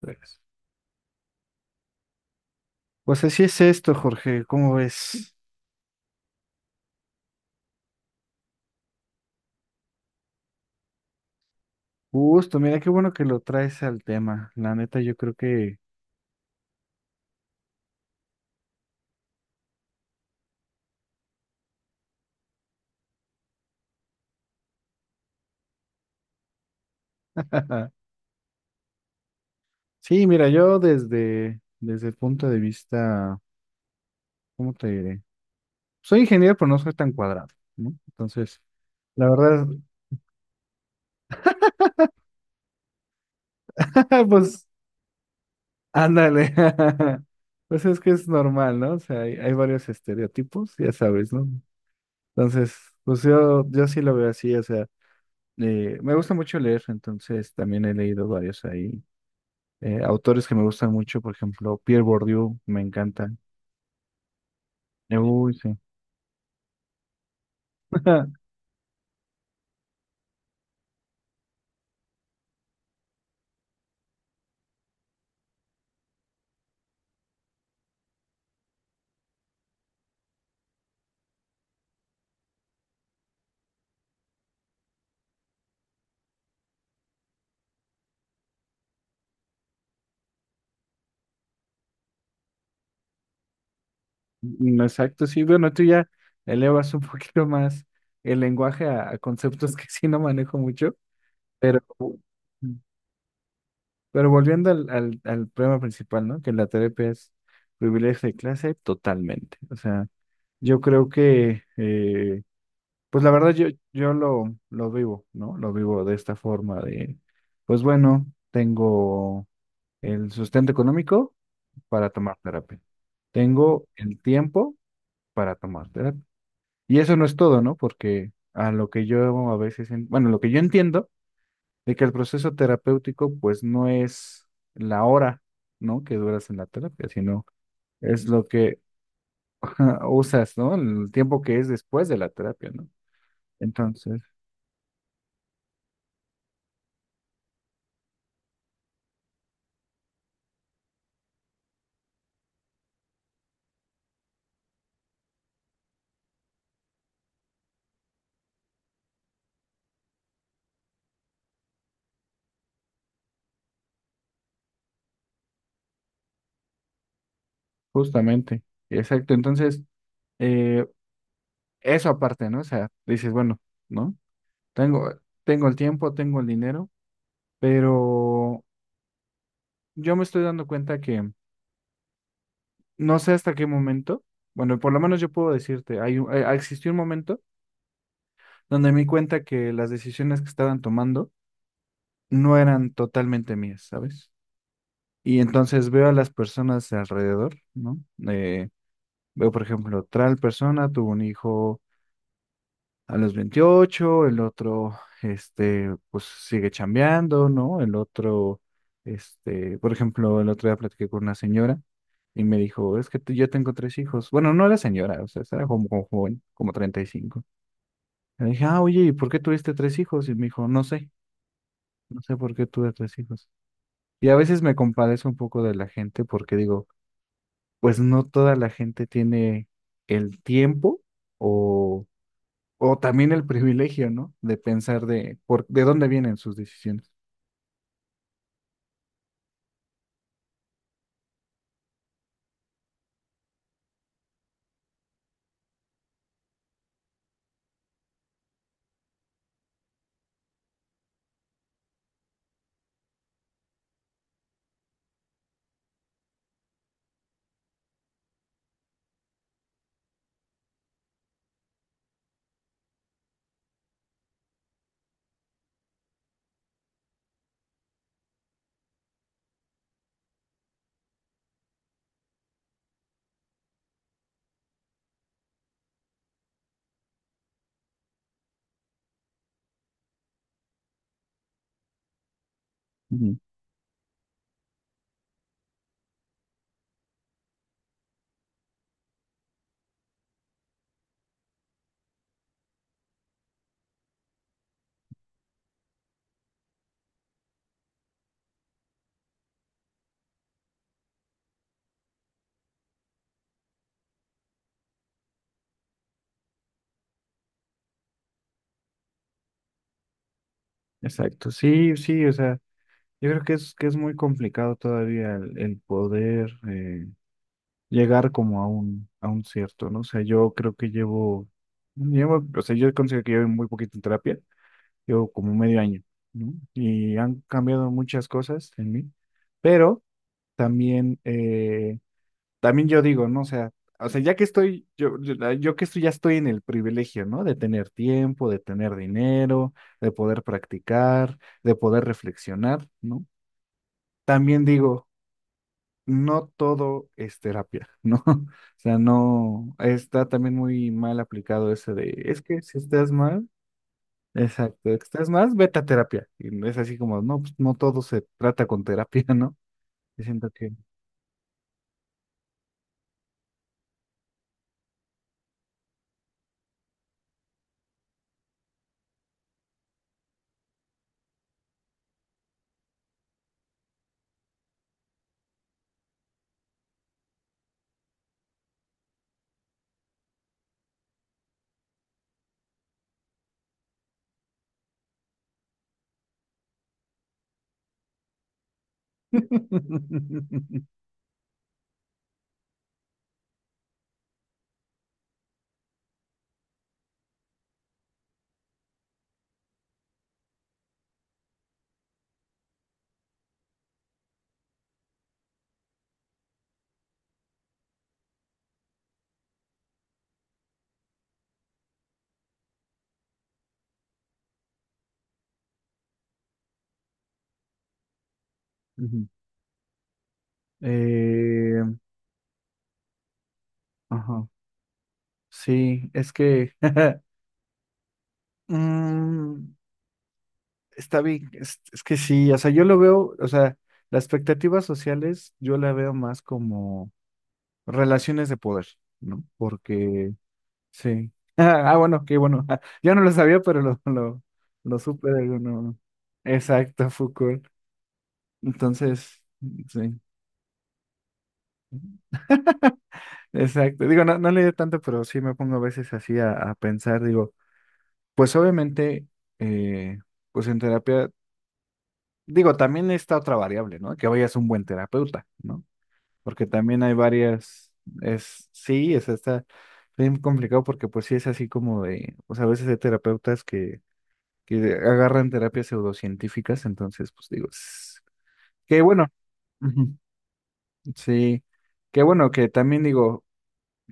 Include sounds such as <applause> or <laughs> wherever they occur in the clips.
Pues pues así es esto, Jorge, ¿cómo ves? Justo, mira, qué bueno que lo traes al tema. La neta, yo creo que... <laughs> Sí, mira, yo desde el punto de vista, ¿cómo te diré? Soy ingeniero, pero no soy tan cuadrado, ¿no? Entonces, la verdad, <laughs> pues, ándale. <laughs> Pues es que es normal, ¿no? O sea, hay varios estereotipos, ya sabes, ¿no? Entonces, pues yo sí lo veo así, o sea, me gusta mucho leer, entonces también he leído varios ahí. Autores que me gustan mucho, por ejemplo, Pierre Bourdieu, me encanta. Uy, sí. <laughs> Exacto, sí. Bueno, tú ya elevas un <laughs> poquito más el lenguaje a conceptos que sí no manejo mucho, pero, pero volviendo al problema principal, ¿no? Que la terapia es privilegio de clase totalmente. O sea, yo creo que, pues la verdad yo, yo lo vivo, ¿no? Lo vivo de esta forma de, pues bueno, tengo el sustento económico para tomar terapia. Tengo el tiempo para tomar terapia. Y eso no es todo, ¿no? Porque a lo que yo a veces, bueno, lo que yo entiendo de que el proceso terapéutico pues no es la hora, ¿no? Que duras en la terapia, sino es lo que <laughs> usas, ¿no? El tiempo que es después de la terapia, ¿no? Entonces, justamente, exacto. Entonces, eh, eso aparte, ¿no? O sea, dices, bueno, ¿no? Tengo, tengo el tiempo, tengo el dinero, pero yo me estoy dando cuenta que no sé hasta qué momento, bueno, por lo menos yo puedo decirte, existió un momento donde me di cuenta que las decisiones que estaban tomando no eran totalmente mías, ¿sabes? Y entonces veo a las personas alrededor, ¿no? Eh, Veo, por ejemplo, tal persona tuvo un hijo a los 28. El otro, este, pues sigue chambeando, ¿no? El otro, este, por ejemplo, el otro día platiqué con una señora. Y me dijo, es que yo tengo tres hijos. Bueno, no era señora, o sea, era como, como joven, como 35. Le dije, ah, oye, ¿y por qué tuviste tres hijos? Y me dijo, no sé, no sé por qué tuve tres hijos. Y a veces me compadezco un poco de la gente porque digo, pues no toda la gente tiene el tiempo o, o también el privilegio, ¿no? De pensar de dónde vienen sus decisiones. Ujú. Exacto, sí, sí, o sea, yo creo que es muy complicado todavía el poder. Llegar como a un cierto, ¿no? O sea, yo creo que llevo, llevo, o sea, yo considero que llevo muy poquito en terapia, llevo como medio año, ¿no? Y han cambiado muchas cosas en mí, pero también, también yo digo, ¿no? O sea, ya que estoy, yo que estoy, ya estoy en el privilegio, ¿no? De tener tiempo, de tener dinero, de poder practicar, de poder reflexionar, ¿no? También digo, no todo es terapia, ¿no? <laughs> O sea, no, está también muy mal aplicado ese de, es que si estás mal, exacto, estás mal, vete a terapia. Y no es así como, no, pues no todo se trata con terapia, <laughs> ¿no? Yo siento que... <laughs> Ujú. Eh, ajá, sí, es que... <laughs> mm, está bien, es que sí, o sea, yo lo veo, o sea, las expectativas sociales yo la veo más como relaciones de poder, ¿no? Porque, sí. <laughs> Ah, bueno, qué bueno. <laughs> Yo no lo sabía, pero lo supe de uno. Exacto, Foucault. Entonces, sí. <laughs> Exacto. Digo, no, no leí tanto, pero sí me pongo a veces así a pensar. Digo, pues obviamente, eh, pues en terapia, digo, también está otra variable, ¿no? Que vayas a un buen terapeuta, ¿no? Porque también hay varias, es, sí, es, está bien complicado porque pues sí es así como de, o sea, a veces hay terapeutas que agarran terapias pseudocientíficas, entonces pues digo, que bueno, ujú, sí, que bueno, que también digo,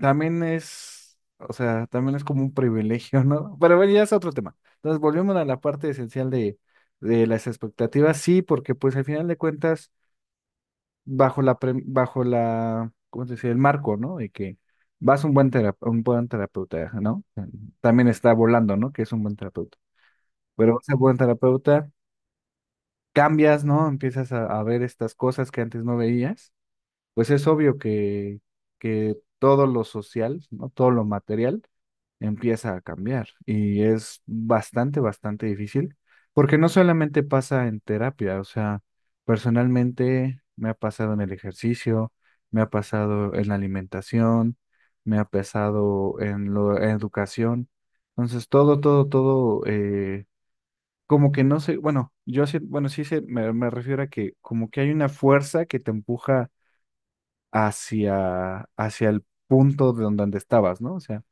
también es, o sea, también es como un privilegio, ¿no? Pero bueno, ya es otro tema. Entonces volvemos a la parte esencial de las expectativas, sí, porque pues al final de cuentas bajo la, ¿cómo se dice? El marco, ¿no? De que vas a un un buen terapeuta, ¿no? También está volando, ¿no? Que es un buen terapeuta. Pero vas a un buen terapeuta, cambias, ¿no? Empiezas a ver estas cosas que antes no veías. Pues es obvio que todo lo social, ¿no? Todo lo material empieza a cambiar y es bastante difícil, porque no solamente pasa en terapia, o sea, personalmente me ha pasado en el ejercicio, me ha pasado en la alimentación, me ha pasado en en educación, entonces todo, como que no sé, bueno, yo sí, bueno, sí sé, me refiero a que como que hay una fuerza que te empuja hacia el punto de donde estabas, ¿no? O sea,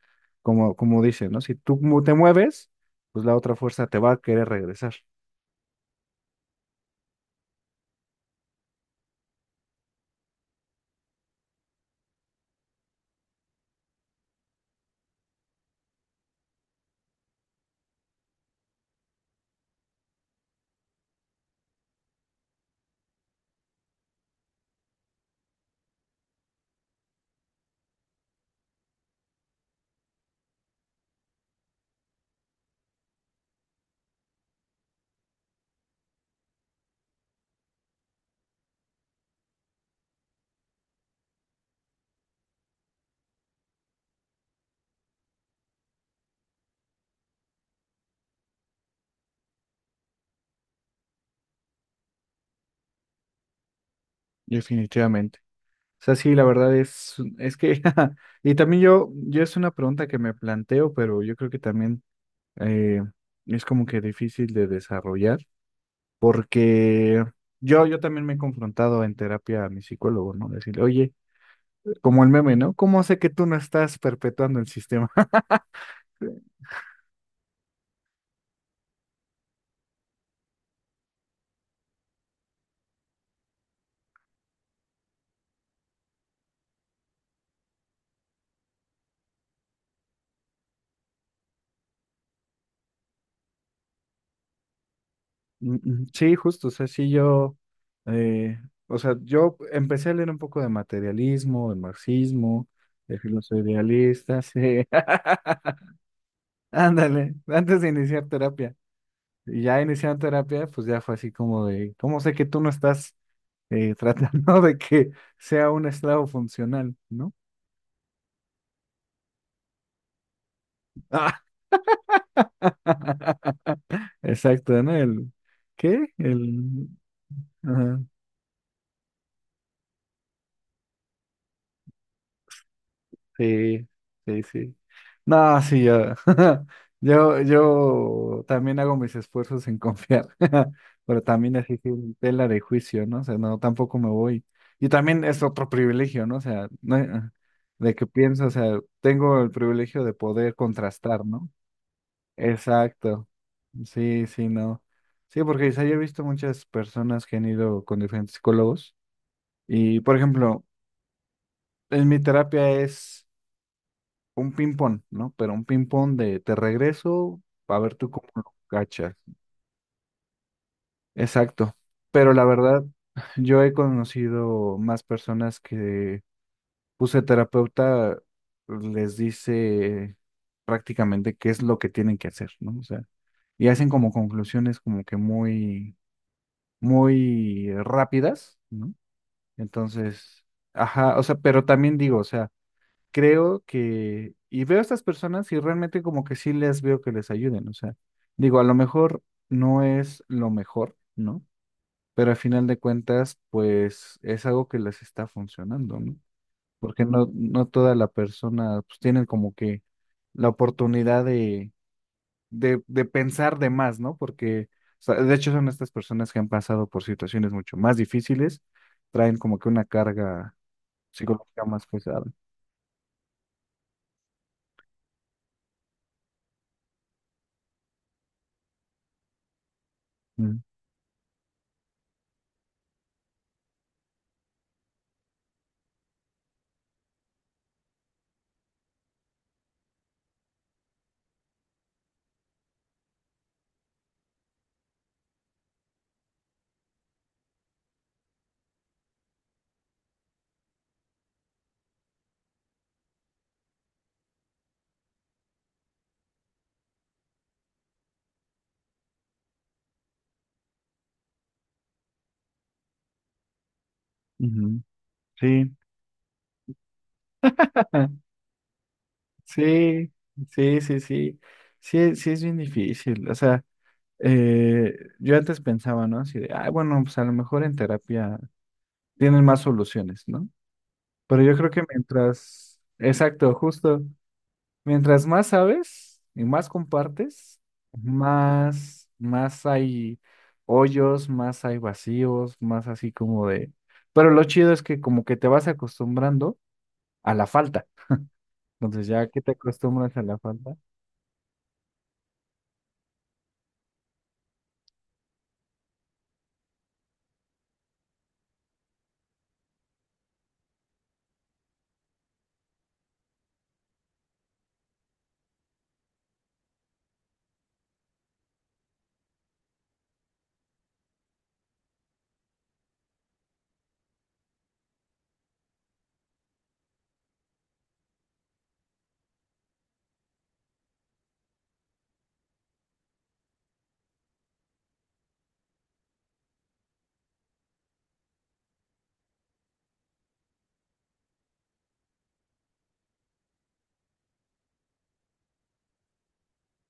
como dice, ¿no? Si te mueves, pues la otra fuerza te va a querer regresar, definitivamente. O sea, sí, la verdad es que, <laughs> y también yo es una pregunta que me planteo, pero yo creo que también eh, es como que difícil de desarrollar, porque yo también me he confrontado en terapia a mi psicólogo, ¿no? Decirle, oye, como el meme, ¿no? ¿Cómo sé que tú no estás perpetuando el sistema? <laughs> Sí, justo, o sea, sí yo, eh, o sea, yo empecé a leer un poco de materialismo, de marxismo, de filosofía idealista, sí, <laughs> ándale, antes de iniciar terapia. Y ya iniciando terapia, pues ya fue así como de, ¿cómo sé que tú no estás <laughs> tratando de que sea un esclavo funcional, ¿no? <laughs> Exacto, ¿no? El, ¿qué? El, ajá. Sí, sí, sí. No, sí, yo, <laughs> yo también hago mis esfuerzos en confiar, <laughs> pero también así que tela de juicio, ¿no? O sea, no, tampoco me voy. Y también es otro privilegio, ¿no? O sea, de que pienso, o sea, tengo el privilegio de poder contrastar, ¿no? Exacto. Sí, sí, no. Sí, porque quizá yo he visto muchas personas que han ido con diferentes psicólogos y, por ejemplo, en mi terapia es un ping-pong, ¿no? Pero un ping-pong de te regreso a ver tú cómo lo cachas. Exacto. Pero la verdad, yo he conocido más personas que puse terapeuta les dice prácticamente qué es lo que tienen que hacer, ¿no? O sea, y hacen como conclusiones como que muy rápidas, ¿no? Entonces, ajá, o sea, pero también digo, o sea, creo que, y veo a estas personas y realmente como que sí les veo que les ayuden, o sea, digo, a lo mejor no es lo mejor, ¿no? Pero al final de cuentas, pues es algo que les está funcionando, ¿no? Porque no, no toda la persona, pues tienen como que la oportunidad de, de pensar de más, ¿no? Porque, o sea, de hecho, son estas personas que han pasado por situaciones mucho más difíciles, traen como que una carga psicológica más pesada. Mm, ujú, Sí. <laughs> Sí, sí, sí, sí. Sí, sí es bien difícil. O sea, eh, yo antes pensaba, ¿no? Así de, ah, bueno, pues a lo mejor en terapia tienen más soluciones, ¿no? Pero yo creo que mientras, exacto, justo, mientras más sabes y más compartes, más hay hoyos, más hay vacíos, más así como de... Pero lo chido es que como que te vas acostumbrando a la falta. Entonces ya que te acostumbras a la falta.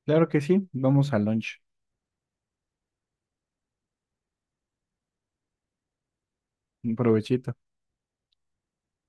Claro que sí, vamos al lunch. Un provechito.